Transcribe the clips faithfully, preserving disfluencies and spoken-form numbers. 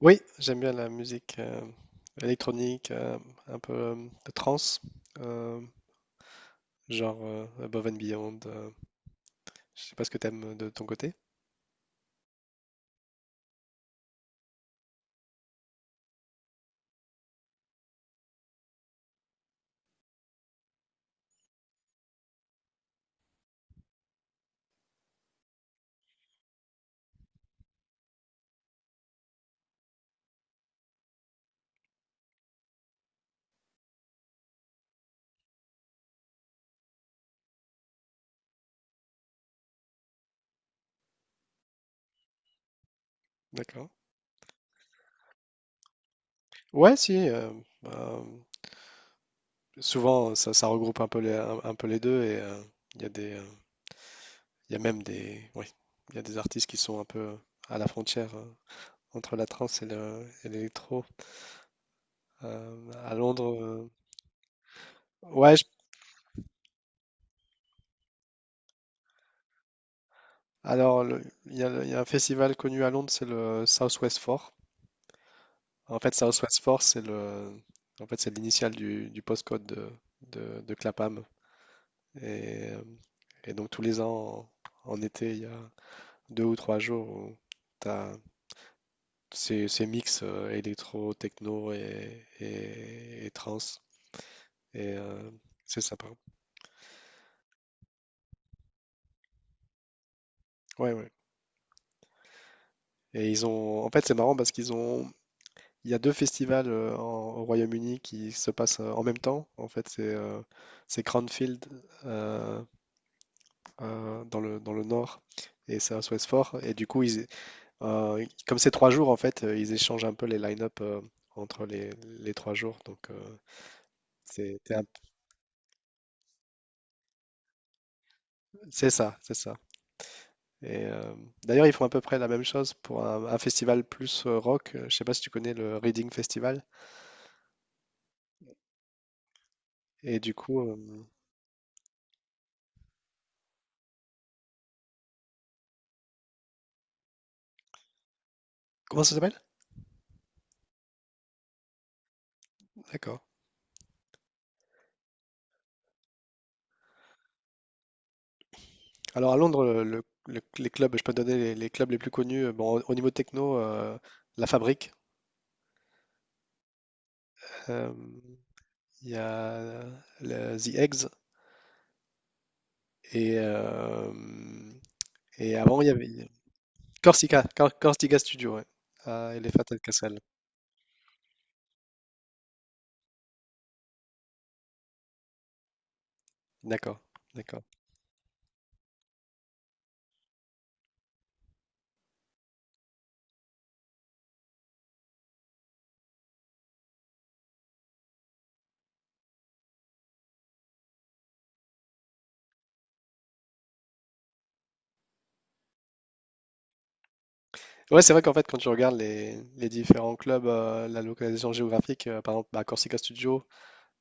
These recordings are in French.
Oui, j'aime bien la musique euh, électronique, euh, un peu euh, de trance, euh, genre euh, Above and Beyond. Euh, je sais pas ce que t'aimes de ton côté. D'accord. Ouais, si. Euh, bah, souvent, ça, ça regroupe un peu les, un, un peu les deux et euh, il y a des, euh, il y a même des, oui, il y a des artistes qui sont un peu euh, à la frontière euh, entre la trance et le- et l'électro. Euh, à Londres, euh, ouais. Je- alors, le- il y a, le- il y a un festival connu à Londres, c'est le Southwest Four. En fait, Southwest Force, c'est le, en fait, c'est l'initiale du, du postcode de, de, de Clapham. Et, euh, et donc, tous les ans, en, en été, il y a deux ou trois jours où tu as ces, ces mix euh, électro, techno et, et, et trance. Et euh, c'est sympa. Ouais, ouais. Et ils ont, en fait, c'est marrant parce qu'ils ont, il y a deux festivals euh, en- au Royaume-Uni qui se passent euh, en même temps. En fait, c'est euh, c'est Cranfield euh, euh, dans le, dans le nord et c'est à Southwest. Et du coup, ils, euh, comme c'est trois jours, en fait, euh, ils échangent un peu les line-up euh, entre les, les trois jours. Donc, euh, c'est c'est un p- c'est ça, c'est ça. Et euh, D'ailleurs, ils font à peu près la même chose pour un, un festival plus euh, rock. Euh, Je sais pas si tu connais le Reading Festival. Et du coup, euh, comment ça s'appelle? D'accord. Alors à Londres, le- le- le- les clubs, je peux te donner les, les clubs les plus connus. euh, Bon, au, au niveau techno, euh, La Fabrique. euh, Il y a euh, le- The Eggs, Et, euh, et avant, il y avait Corsica, Cor- Corsica Studio, ouais. Ah, Elephant and Castle. D'accord, d'accord. Ouais, c'est vrai qu'en fait, quand tu regardes les, les différents clubs, euh, la localisation géographique, euh, par exemple, bah, Corsica Studio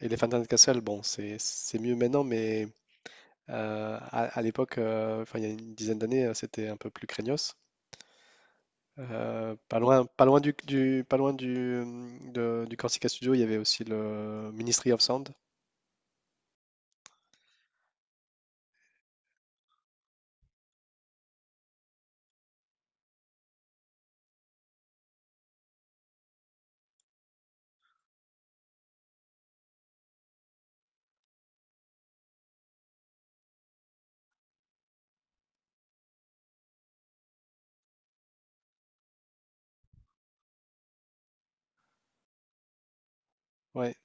et les Phantom Castle, bon, c'est c'est mieux maintenant, mais euh, à, à l'époque, euh, enfin, il y a une dizaine d'années, euh, c'était un peu plus craignos. Euh, pas loin, pas loin du, du- pas loin du, hum, de- du Corsica Studio, il y avait aussi le Ministry of Sound. Ouais.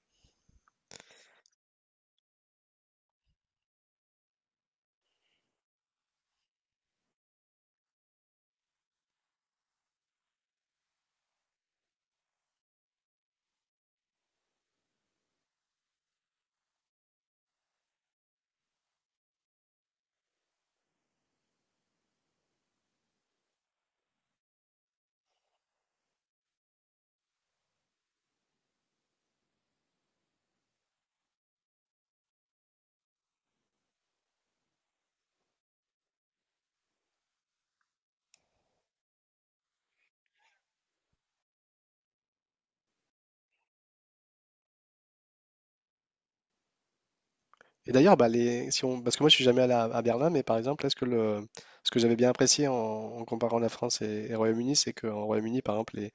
Et d'ailleurs, bah, les, si on, parce que moi je suis jamais allé à, à Berlin, mais par exemple, est-ce que le, ce que j'avais bien apprécié en, en comparant la France et, et Royaume-Uni, c'est qu'en Royaume-Uni, par exemple, les,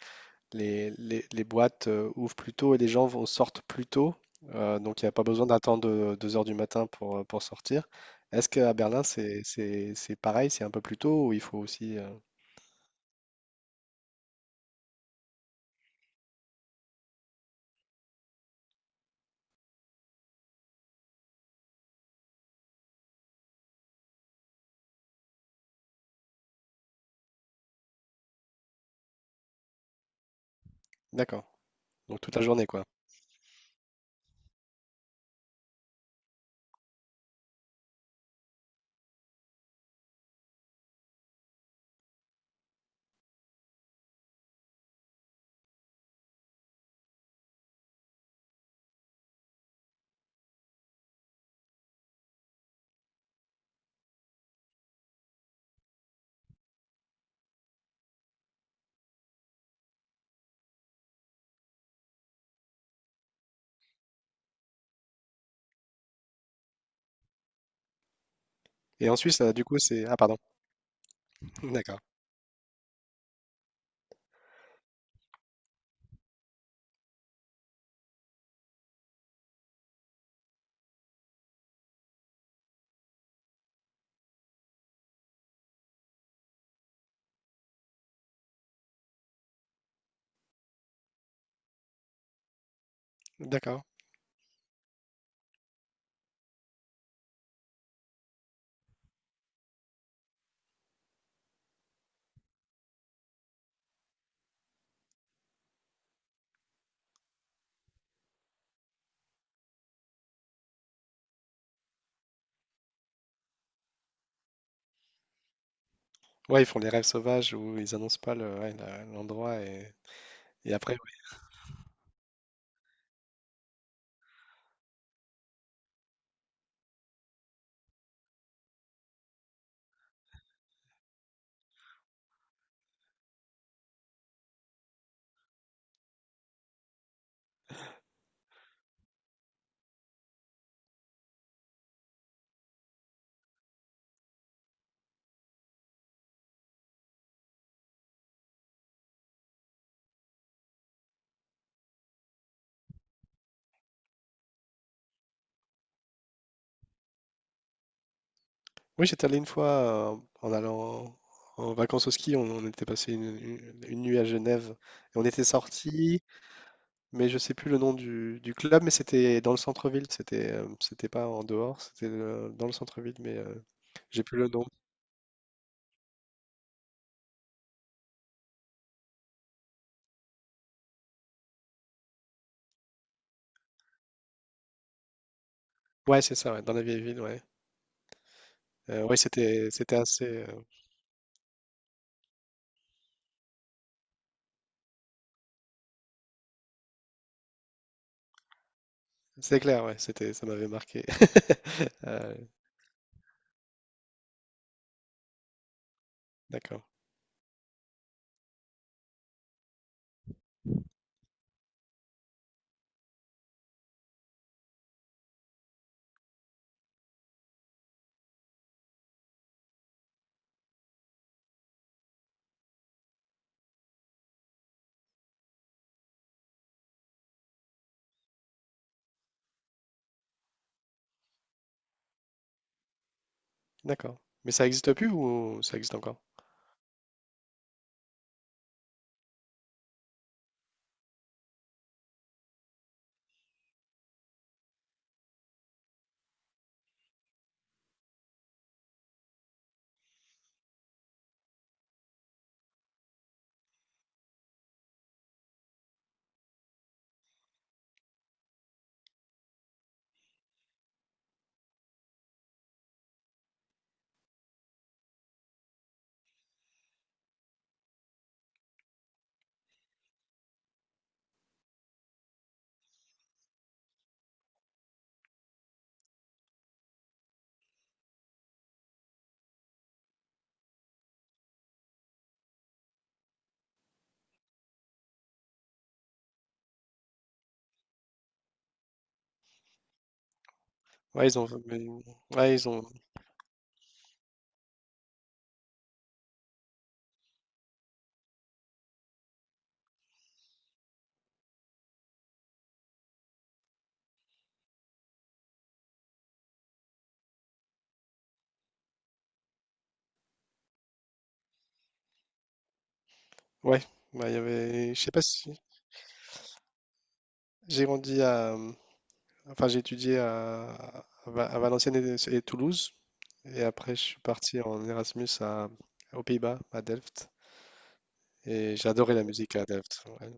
les, les, les boîtes euh, ouvrent plus tôt et les gens vont, sortent plus tôt, euh, donc il n'y a pas besoin d'attendre deux heures du matin pour, euh, pour sortir. Est-ce qu'à Berlin, c'est, c'est, c'est pareil, c'est un peu plus tôt ou il faut aussi. euh, D'accord. Donc toute la journée, quoi. Et en Suisse, euh, du coup, c'est... Ah, pardon. D'accord. D'accord. Ouais, ils font les rêves sauvages où ils annoncent pas le, ouais, la- l'endroit et, et après, ouais. Oui, j'étais allé une fois euh, en allant en vacances au ski, on, on était passé une, une- une nuit à Genève et on était sorti, mais je sais plus le nom du, du club, mais c'était dans le centre-ville, c'était euh, c'était pas en dehors, c'était euh, dans le centre-ville, mais euh, j'ai plus le nom. Ouais, c'est ça, ouais, dans la vieille ville, ouais. Euh, ouais, c'était c'était assez. euh, C'est clair, ouais, c'était, ça m'avait marqué. Euh, d'accord, d'accord. Mais ça existe plus ou ça existe encore? Ouais, ils ont, mais- ouais, ils ont, ouais, ouais, il y avait, je sais pas si, j'ai grandi à, enfin, j'ai étudié à, à Va- à Valenciennes et, et Toulouse, et après je suis parti en Erasmus à, aux Pays-Bas, à Delft, et j'ai adoré la musique à Delft. Ouais,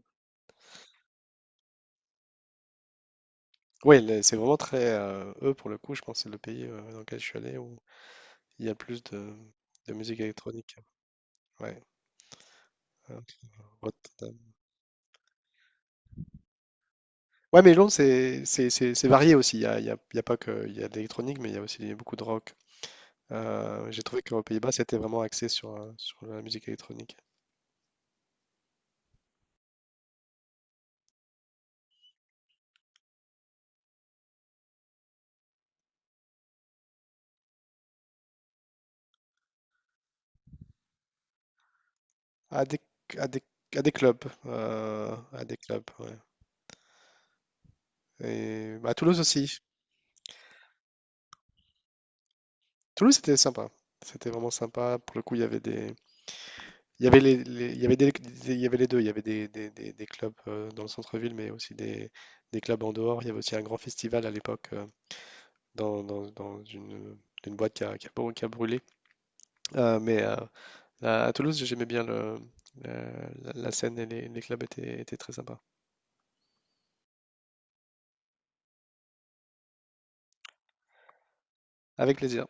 ouais, le- c'est vraiment très, euh, eux pour le coup, je pense que c'est le pays euh, dans lequel je suis allé où il y a plus de, de musique électronique. Ouais. Ouais. Votre totem. Ouais, mais Londres, c'est c'est- c'est- c'est varié aussi. Il y a, il y a- il y a pas que il y a de l'électronique, mais il y a aussi beaucoup de rock. Euh, j'ai trouvé qu'aux Pays-Bas, c'était vraiment axé sur, euh, sur la musique électronique. À des, à des, à des clubs. Euh, à des clubs, ouais. Et bah, à Toulouse aussi. Toulouse, c'était sympa. C'était vraiment sympa. Pour le coup, il y avait des. Il y avait les, les- il y avait des, des- il y avait les deux. Il y avait des, des, des- des clubs euh, dans le centre-ville, mais aussi des, des clubs en dehors. Il y avait aussi un grand festival à l'époque. euh, dans, dans, dans une, une boîte qui a, qui a brû- qui a brûlé. Euh, mais euh, à à Toulouse, j'aimais bien le, la, la- scène et les, les clubs étaient, étaient très sympas. Avec plaisir.